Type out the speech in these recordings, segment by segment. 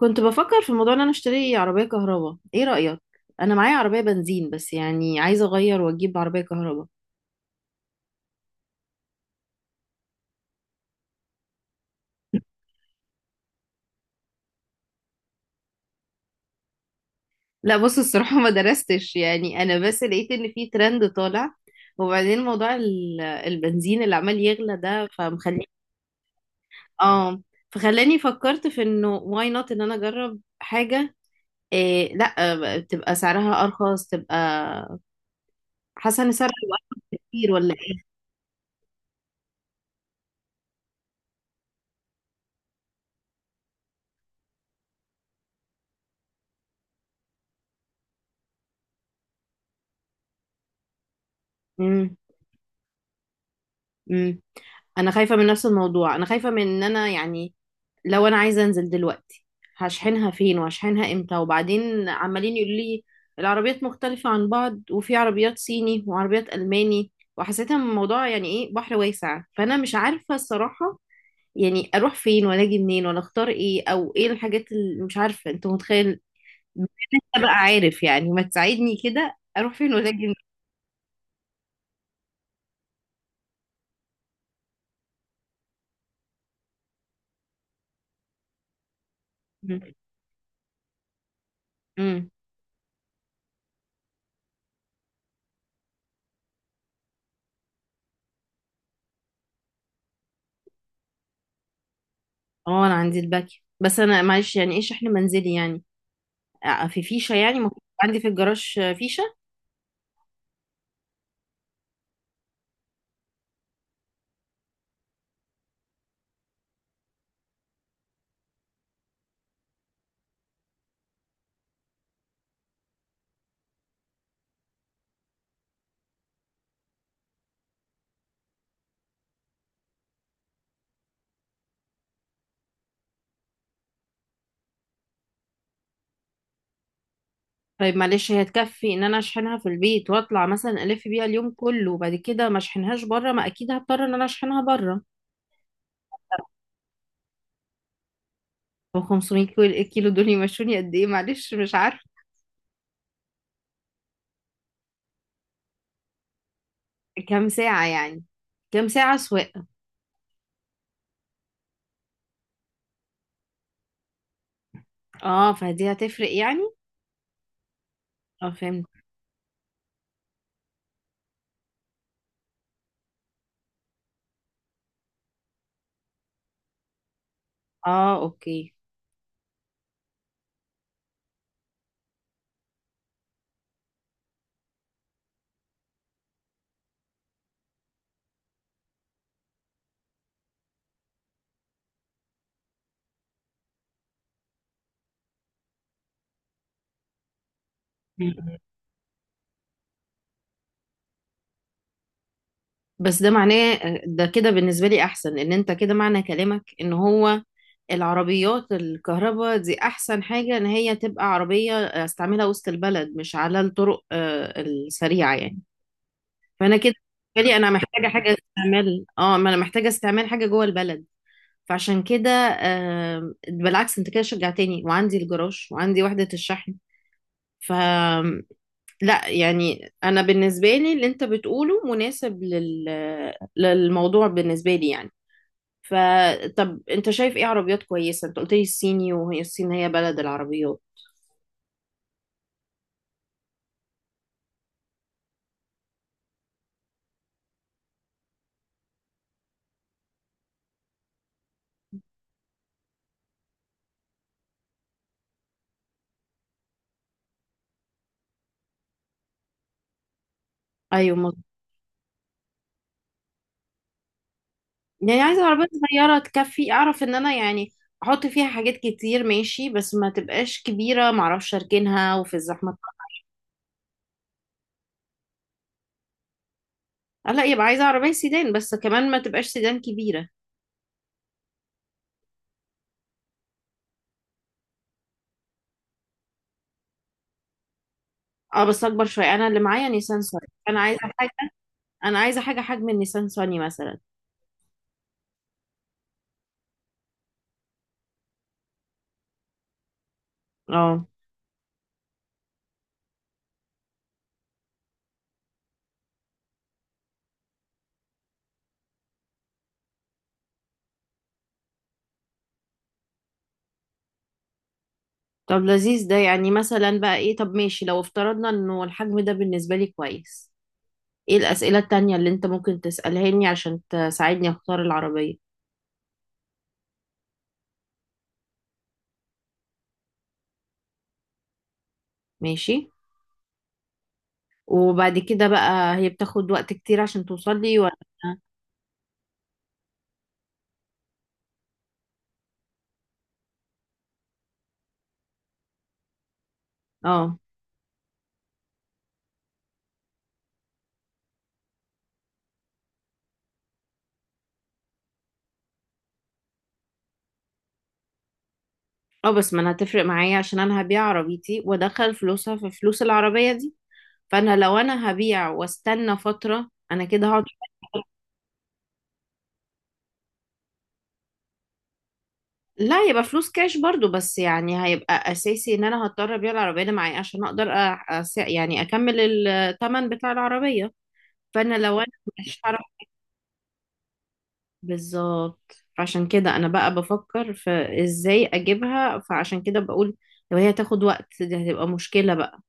كنت بفكر في موضوع ان انا اشتري عربية كهرباء، ايه رأيك؟ انا معايا عربية بنزين بس يعني عايزة اغير واجيب عربية كهرباء. لا بص الصراحة ما درستش، يعني انا بس لقيت ان في ترند طالع، وبعدين موضوع البنزين اللي عمال يغلى ده فمخلي. اه، فخلاني فكرت في انه واي نوت ان انا اجرب حاجة. إيه لا تبقى سعرها ارخص، تبقى حاسة ان سعرها هيبقى ارخص كتير ولا ايه؟ مم. امم، انا خايفه من نفس الموضوع، انا خايفه من ان انا يعني لو انا عايزه انزل دلوقتي هشحنها فين وهشحنها امتى؟ وبعدين عمالين يقولوا لي العربيات مختلفه عن بعض، وفي عربيات صيني وعربيات الماني، وحسيتها من الموضوع يعني ايه بحر واسع، فانا مش عارفه الصراحه يعني اروح فين ولا اجي منين ولا اختار ايه او ايه الحاجات اللي مش عارفه، انت متخيل؟ انت بقى عارف يعني، ما تساعدني كده اروح فين ولا اجي منين. اه انا عندي الباك، بس انا معلش يعني ايه شحن منزلي يعني؟ في فيشه يعني المفروض عندي في الجراج، فيشه. طيب معلش، هي تكفي ان انا اشحنها في البيت واطلع مثلا الف بيها اليوم كله، وبعد كده ما اشحنهاش بره؟ ما اكيد هضطر ان انا اشحنها بره. هو 500 كيلو؟ الكيلو دول يمشوني قد ايه؟ معلش مش عارفه. كام ساعه يعني، كام ساعه سواقه؟ اه، فدي هتفرق يعني. اه فهمت. اه اوكي. مم. بس ده معناه، ده كده بالنسبه لي احسن، ان انت كده معنى كلامك ان هو العربيات الكهرباء دي احسن حاجة ان هي تبقى عربية استعملها وسط البلد، مش على الطرق السريعة يعني. فانا كده بالنسبة لي انا محتاجة حاجة استعمال، اه ما انا محتاجة استعمال حاجة جوه البلد. فعشان كده بالعكس انت كده شجعتني، وعندي الجراج وعندي وحدة الشحن. ف لا يعني انا بالنسبة لي اللي انت بتقوله مناسب للموضوع بالنسبة لي يعني. فطب انت شايف ايه عربيات كويسة؟ انت قلت لي الصيني، وهي الصين هي بلد العربيات. ايوه مظبوط. يعني عايزة عربية صغيرة تكفي اعرف ان انا يعني احط فيها حاجات كتير، ماشي بس ما تبقاش كبيرة، معرفش اركنها وفي الزحمة. اه لا، يبقى عايزة عربية سيدان بس كمان ما تبقاش سيدان كبيرة. اه بس اكبر شوية، انا اللي معايا نيسان صني. انا عايزة حاجة، انا عايزة حاجة حجم النيسان صني مثلا. اه. طب لذيذ ده، يعني مثلا بقى ايه؟ طب ماشي لو افترضنا انه الحجم ده بالنسبة لي كويس، ايه الأسئلة التانية اللي انت ممكن تسألهاني عشان تساعدني اختار العربية؟ ماشي. وبعد كده بقى، هي بتاخد وقت كتير عشان توصل لي ولا؟ اه. اه بس ما انا هتفرق معايا، عشان انا هبيع عربيتي وادخل فلوسها في فلوس العربية دي، فانا لو انا هبيع واستنى فترة انا كده هقعد. لا يبقى فلوس كاش برضو، بس يعني هيبقى اساسي ان انا هضطر ابيع العربية اللي معايا عشان اقدر يعني اكمل الثمن بتاع العربية. فانا لو انا مش هعرف. بالظبط، فعشان كده انا بقى بفكر في ازاي اجيبها، فعشان كده بقول لو هي تاخد وقت دي هتبقى مشكلة بقى.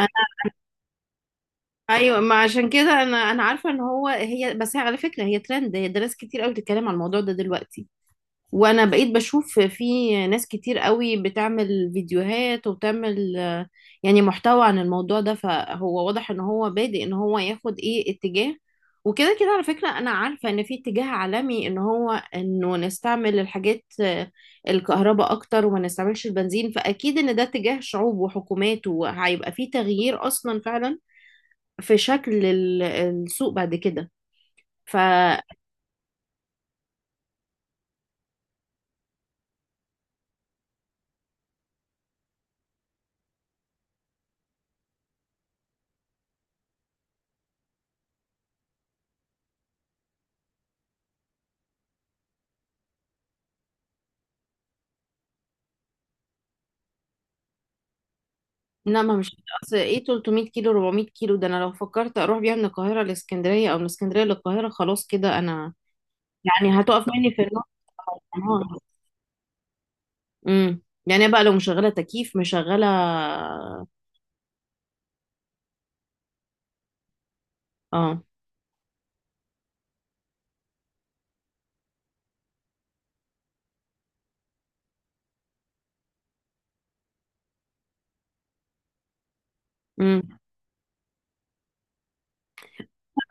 أنا، ايوه ما عشان كده انا عارفة ان هو هي، بس هي على فكرة هي ترند، هي ناس كتير قوي بتتكلم عن الموضوع ده دلوقتي، وانا بقيت بشوف في ناس كتير قوي بتعمل فيديوهات وبتعمل يعني محتوى عن الموضوع ده، فهو واضح ان هو بادئ ان هو ياخد ايه اتجاه. وكده كده على فكرة انا عارفة ان في اتجاه عالمي ان هو انه نستعمل الحاجات الكهرباء اكتر وما نستعملش البنزين، فاكيد ان ده اتجاه شعوب وحكومات، وهيبقى في تغيير اصلا فعلا في شكل السوق بعد كده. ف لا ما مش. اصل ايه 300 كيلو 400 كيلو، ده انا لو فكرت اروح بيها من القاهره لاسكندريه او من اسكندريه للقاهره خلاص كده انا يعني هتقف مني في النص. اه. امم، يعني بقى لو مشغله تكييف مشغله. اه. امم.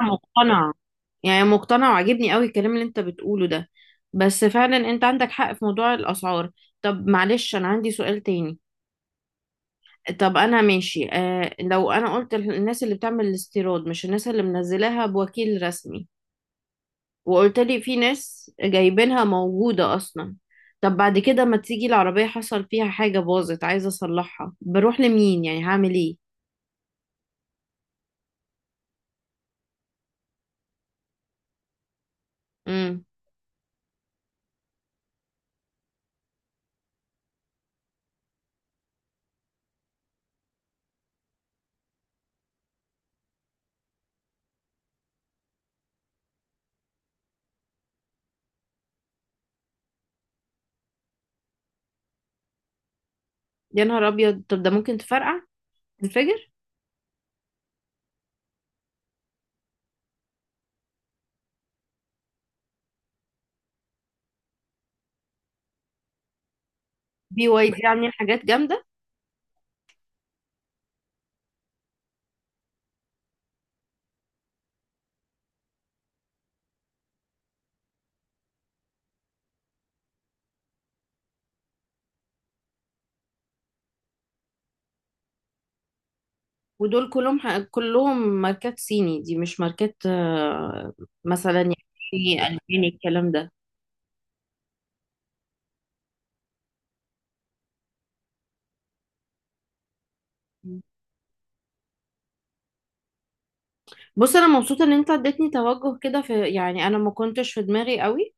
انا مقتنعه، يعني مقتنعه وعاجبني قوي الكلام اللي انت بتقوله ده، بس فعلا انت عندك حق في موضوع الاسعار. طب معلش انا عندي سؤال تاني. طب انا ماشي، آه لو انا قلت الناس اللي بتعمل الاستيراد مش الناس اللي منزلاها بوكيل رسمي، وقلت لي في ناس جايبينها موجودة أصلا، طب بعد كده ما تيجي العربية حصل فيها حاجة باظت عايزة أصلحها، بروح لمين يعني؟ هعمل إيه؟ امم. يا نهار أبيض، طب ده ممكن تفرقع، تنفجر؟ بي واي دي عاملين حاجات جامدة. ودول كلهم كلهم ماركات صيني، دي مش ماركات مثلا يعني ألماني الكلام ده؟ بص أنا مبسوطة إن أنت اديتني توجه كده في، يعني أنا ما كنتش في دماغي قوي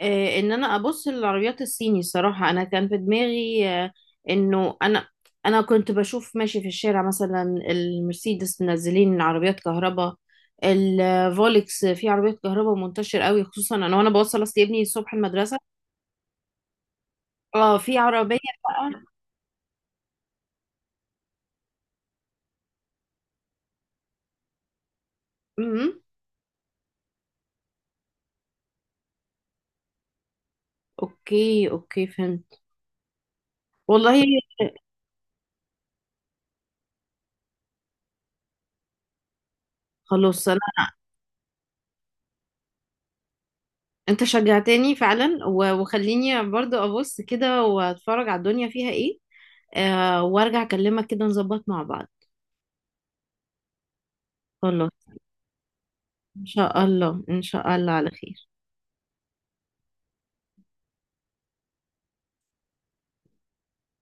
ان انا ابص للعربيات الصيني. صراحة انا كان في دماغي انه انا كنت بشوف ماشي في الشارع مثلا المرسيدس منزلين عربيات كهرباء، الفولكس في عربيات كهرباء منتشر قوي، خصوصا انا وانا بوصل اصل ابني الصبح المدرسة. اه في عربية بقى. امم. اوكي اوكي فهمت. والله، خلاص انا، انت شجعتني فعلا، وخليني برضو ابص كده واتفرج على الدنيا فيها ايه، آه وارجع اكلمك كده نظبط مع بعض. خلاص. ان شاء الله ان شاء الله على خير.